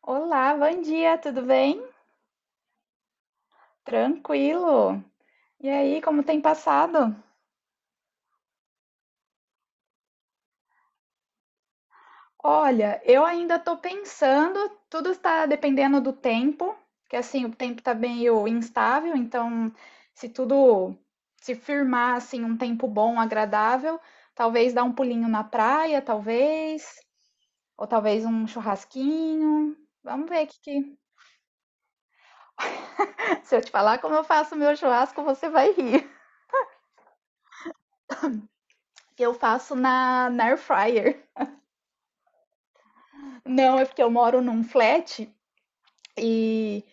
Olá, bom dia, tudo bem? Tranquilo. E aí, como tem passado? Olha, eu ainda tô pensando, tudo está dependendo do tempo, que assim, o tempo tá meio instável, então se tudo se firmar assim um tempo bom, agradável, talvez dar um pulinho na praia, talvez, ou talvez um churrasquinho. Vamos ver. Se eu te falar como eu faço meu churrasco, você vai rir. Eu faço na air fryer. Não, é porque eu moro num flat e,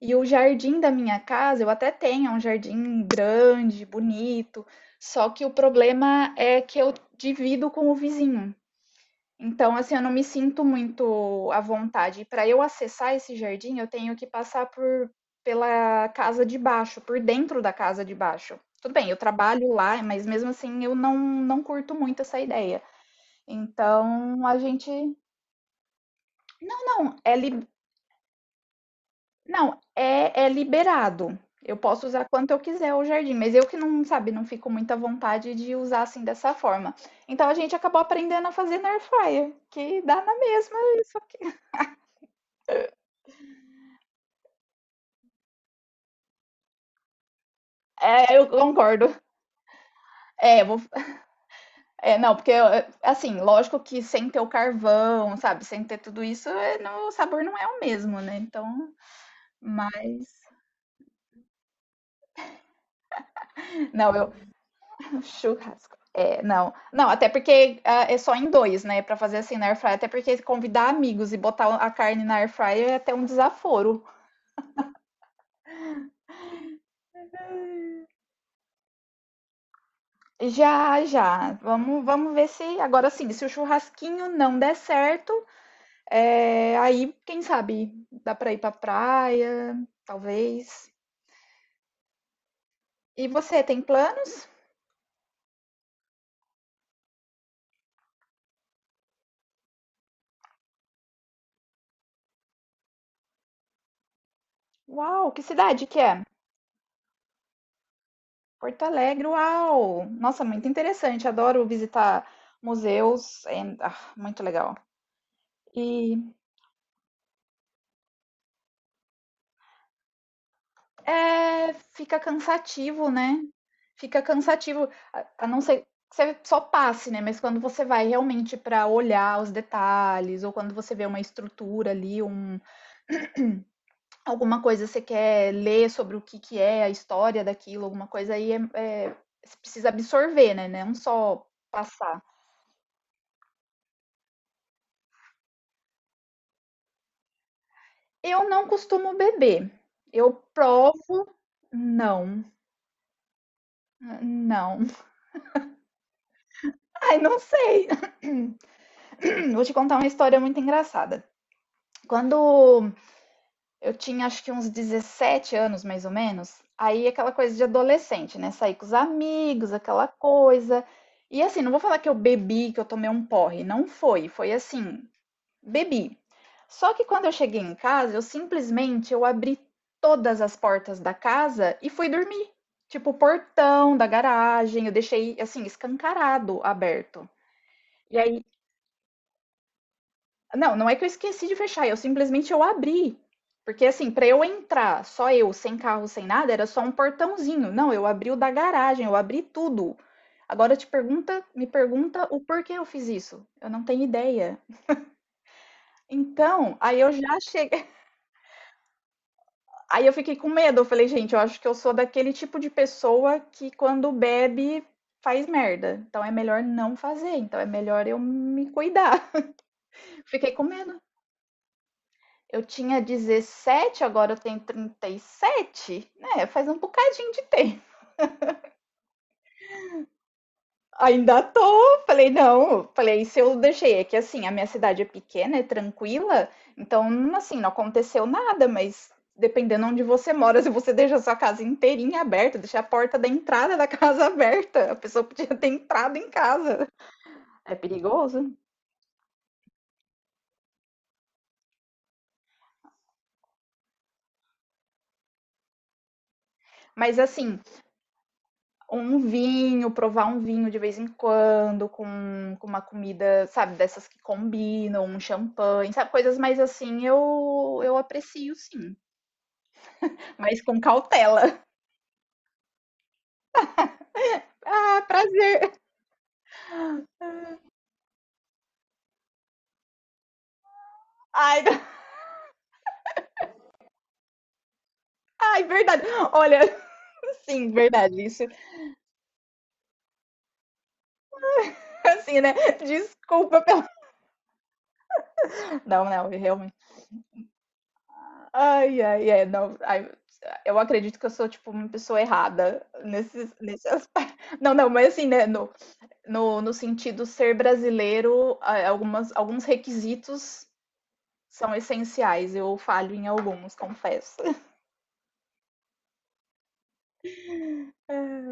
e o jardim da minha casa, eu até tenho, é um jardim grande, bonito, só que o problema é que eu divido com o vizinho. Então, assim, eu não me sinto muito à vontade. E para eu acessar esse jardim, eu tenho que passar por pela casa de baixo, por dentro da casa de baixo. Tudo bem, eu trabalho lá, mas mesmo assim eu não curto muito essa ideia. Então, a gente não, não, é. Não, é liberado. Eu posso usar quanto eu quiser o jardim, mas eu que não, sabe, não fico muita vontade de usar, assim, dessa forma. Então a gente acabou aprendendo a fazer na air fryer, que dá na mesma. É, eu concordo. É, eu vou, é, não, porque, assim, lógico que sem ter o carvão, sabe, sem ter tudo isso, não, o sabor não é o mesmo, né, então mas não, eu... Churrasco. É, não. Não, até porque ah, é só em dois, né? Pra fazer assim na air fryer, até porque convidar amigos e botar a carne na air fryer é até um desaforo. Já, já. Vamos, vamos ver se agora sim, se o churrasquinho não der certo, é, aí quem sabe dá pra ir pra praia, talvez. E você tem planos? Uau, que cidade que é? Porto Alegre, uau! Nossa, muito interessante. Adoro visitar museus. É, ah, muito legal. E é, fica cansativo, né? Fica cansativo, a não ser que você só passe, né? Mas quando você vai realmente para olhar os detalhes, ou quando você vê uma estrutura ali, um, alguma coisa você quer ler sobre o que é a história daquilo, alguma coisa aí, é, é, você precisa absorver, né? Não só passar. Eu não costumo beber. Eu provo. Não, não. Ai, não sei. Vou te contar uma história muito engraçada. Quando eu tinha acho que uns 17 anos, mais ou menos. Aí aquela coisa de adolescente, né? Sair com os amigos, aquela coisa. E assim, não vou falar que eu bebi, que eu tomei um porre. Não foi. Foi assim, bebi. Só que quando eu cheguei em casa, eu simplesmente eu abri todas as portas da casa e fui dormir. Tipo, o portão da garagem, eu deixei assim, escancarado, aberto. E aí não, não é que eu esqueci de fechar, eu simplesmente eu abri. Porque assim, para eu entrar, só eu, sem carro, sem nada, era só um portãozinho. Não, eu abri o da garagem, eu abri tudo. Agora te pergunta, me pergunta o porquê eu fiz isso. Eu não tenho ideia. Então, aí eu já cheguei, aí eu fiquei com medo. Eu falei, gente, eu acho que eu sou daquele tipo de pessoa que quando bebe faz merda. Então é melhor não fazer. Então é melhor eu me cuidar. Fiquei com medo. Eu tinha 17, agora eu tenho 37, né? Faz um bocadinho de tempo. Ainda tô, falei, não, falei, se eu deixei, é que assim, a minha cidade é pequena, é tranquila, então, assim, não aconteceu nada, mas dependendo onde você mora, se você deixa a sua casa inteirinha aberta, deixa a porta da entrada da casa aberta, a pessoa podia ter entrado em casa. É perigoso. Mas assim, um vinho, provar um vinho de vez em quando, com uma comida, sabe, dessas que combinam, um champanhe, sabe, coisas mais assim, eu aprecio sim, mas com cautela. Ah, prazer. Ai, ai, verdade. Olha, sim, verdade, isso. Assim, né? Desculpa pelo. Não, não, realmente. Ai, ai, ai, não. Ai, eu acredito que eu sou, tipo, uma pessoa errada nesse aspecto. Não, não, mas assim, né? No, no, no sentido ser brasileiro, algumas, alguns requisitos são essenciais. Eu falho em alguns, confesso.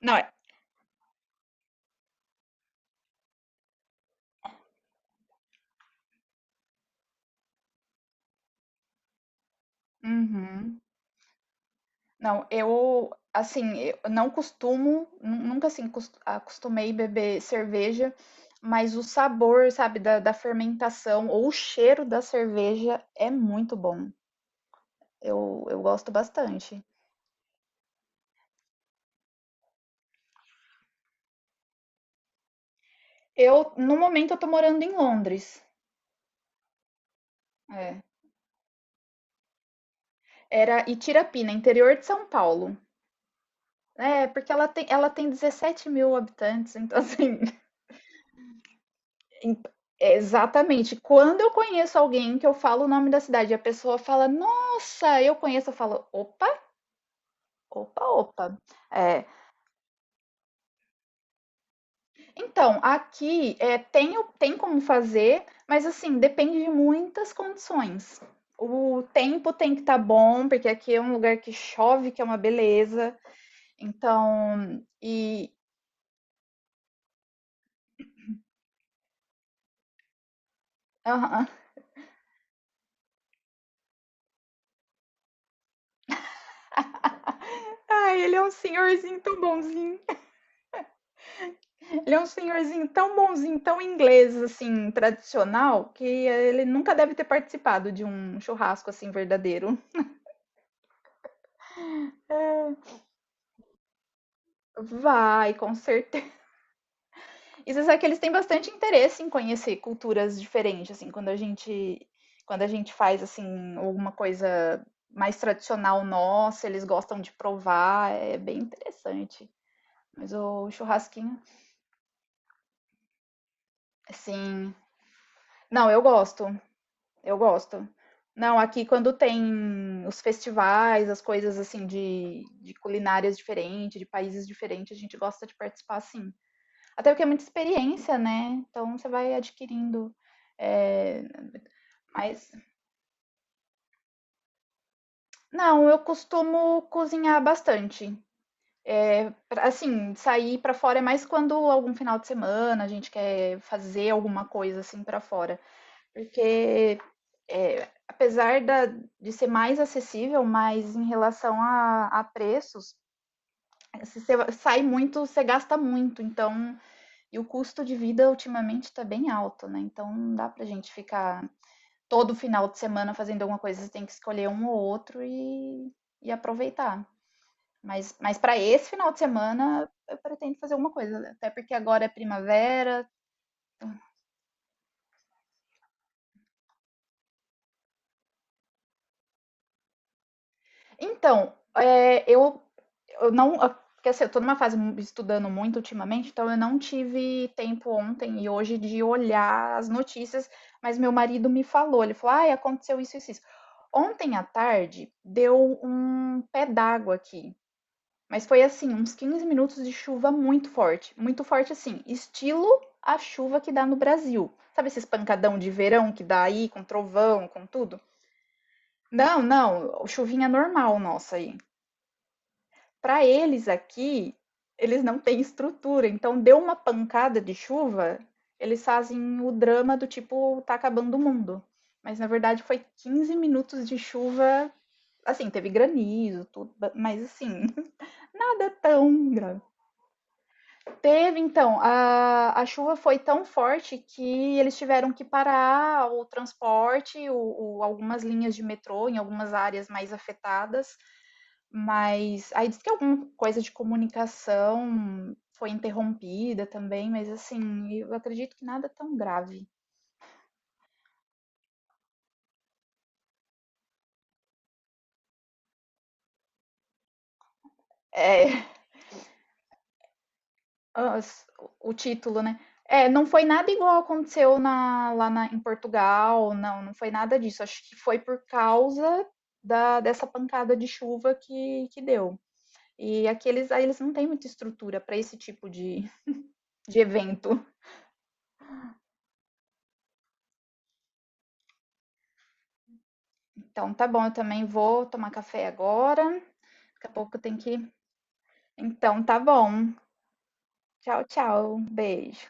Não é. Uhum. Não, eu assim, eu não costumo, nunca assim acostumei beber cerveja, mas o sabor, sabe, da fermentação ou o cheiro da cerveja é muito bom. Eu gosto bastante. Eu, no momento, eu tô morando em Londres. É. Era Itirapina, interior de São Paulo. É, porque ela tem 17 mil habitantes, então assim. em- É, exatamente. Quando eu conheço alguém que eu falo o nome da cidade, e a pessoa fala, nossa, eu conheço, eu falo, opa, opa, opa. É. Então, aqui é, tem, tem como fazer, mas assim, depende de muitas condições. O tempo tem que estar bom, porque aqui é um lugar que chove, que é uma beleza. Então, e. Aham. Ai, ele é um senhorzinho tão bonzinho. Ele é um senhorzinho tão bonzinho, tão inglês, assim, tradicional, que ele nunca deve ter participado de um churrasco, assim, verdadeiro. Vai, com certeza. E você sabe que eles têm bastante interesse em conhecer culturas diferentes, assim, quando a gente faz, assim, alguma coisa mais tradicional nossa, eles gostam de provar, é bem interessante. Mas o churrasquinho, assim. Não, eu gosto. Eu gosto. Não, aqui quando tem os festivais, as coisas assim de culinárias diferentes, de países diferentes, a gente gosta de participar sim. Até porque é muita experiência, né? Então você vai adquirindo. É, mas não, eu costumo cozinhar bastante. Assim, sair pra fora é mais quando algum final de semana a gente quer fazer alguma coisa assim pra fora. Porque, é, apesar de ser mais acessível, mas em relação a preços, se você sai muito, você gasta muito. Então, e o custo de vida ultimamente está bem alto, né? Então, não dá pra gente ficar todo final de semana fazendo alguma coisa. Você tem que escolher um ou outro e aproveitar. Mas para esse final de semana, eu pretendo fazer alguma coisa. Até porque agora é primavera. Então, é, eu não. Porque assim, eu tô numa fase estudando muito ultimamente, então eu não tive tempo ontem e hoje de olhar as notícias, mas meu marido me falou, ele falou, ai, aconteceu isso, isso, isso. Ontem à tarde deu um pé d'água aqui, mas foi assim, uns 15 minutos de chuva muito forte assim, estilo a chuva que dá no Brasil. Sabe esse espancadão de verão que dá aí, com trovão, com tudo? Não, não, chuvinha normal nossa aí. Para eles aqui, eles não têm estrutura, então deu uma pancada de chuva, eles fazem o drama do tipo, tá acabando o mundo. Mas na verdade foi 15 minutos de chuva, assim, teve granizo, tudo, mas assim, nada tão grave. Teve então, a chuva foi tão forte que eles tiveram que parar o transporte, algumas linhas de metrô em algumas áreas mais afetadas. Mas aí diz que alguma coisa de comunicação foi interrompida também, mas assim, eu acredito que nada tão grave. É, as- o título, né? É, não foi nada igual aconteceu lá em Portugal, não, não foi nada disso. Acho que foi por causa dessa pancada de chuva que deu. E aqueles aí eles não têm muita estrutura para esse tipo de evento. Então tá bom, eu também vou tomar café agora. Daqui a pouco eu tenho que... Então tá bom. Tchau, tchau. Beijo.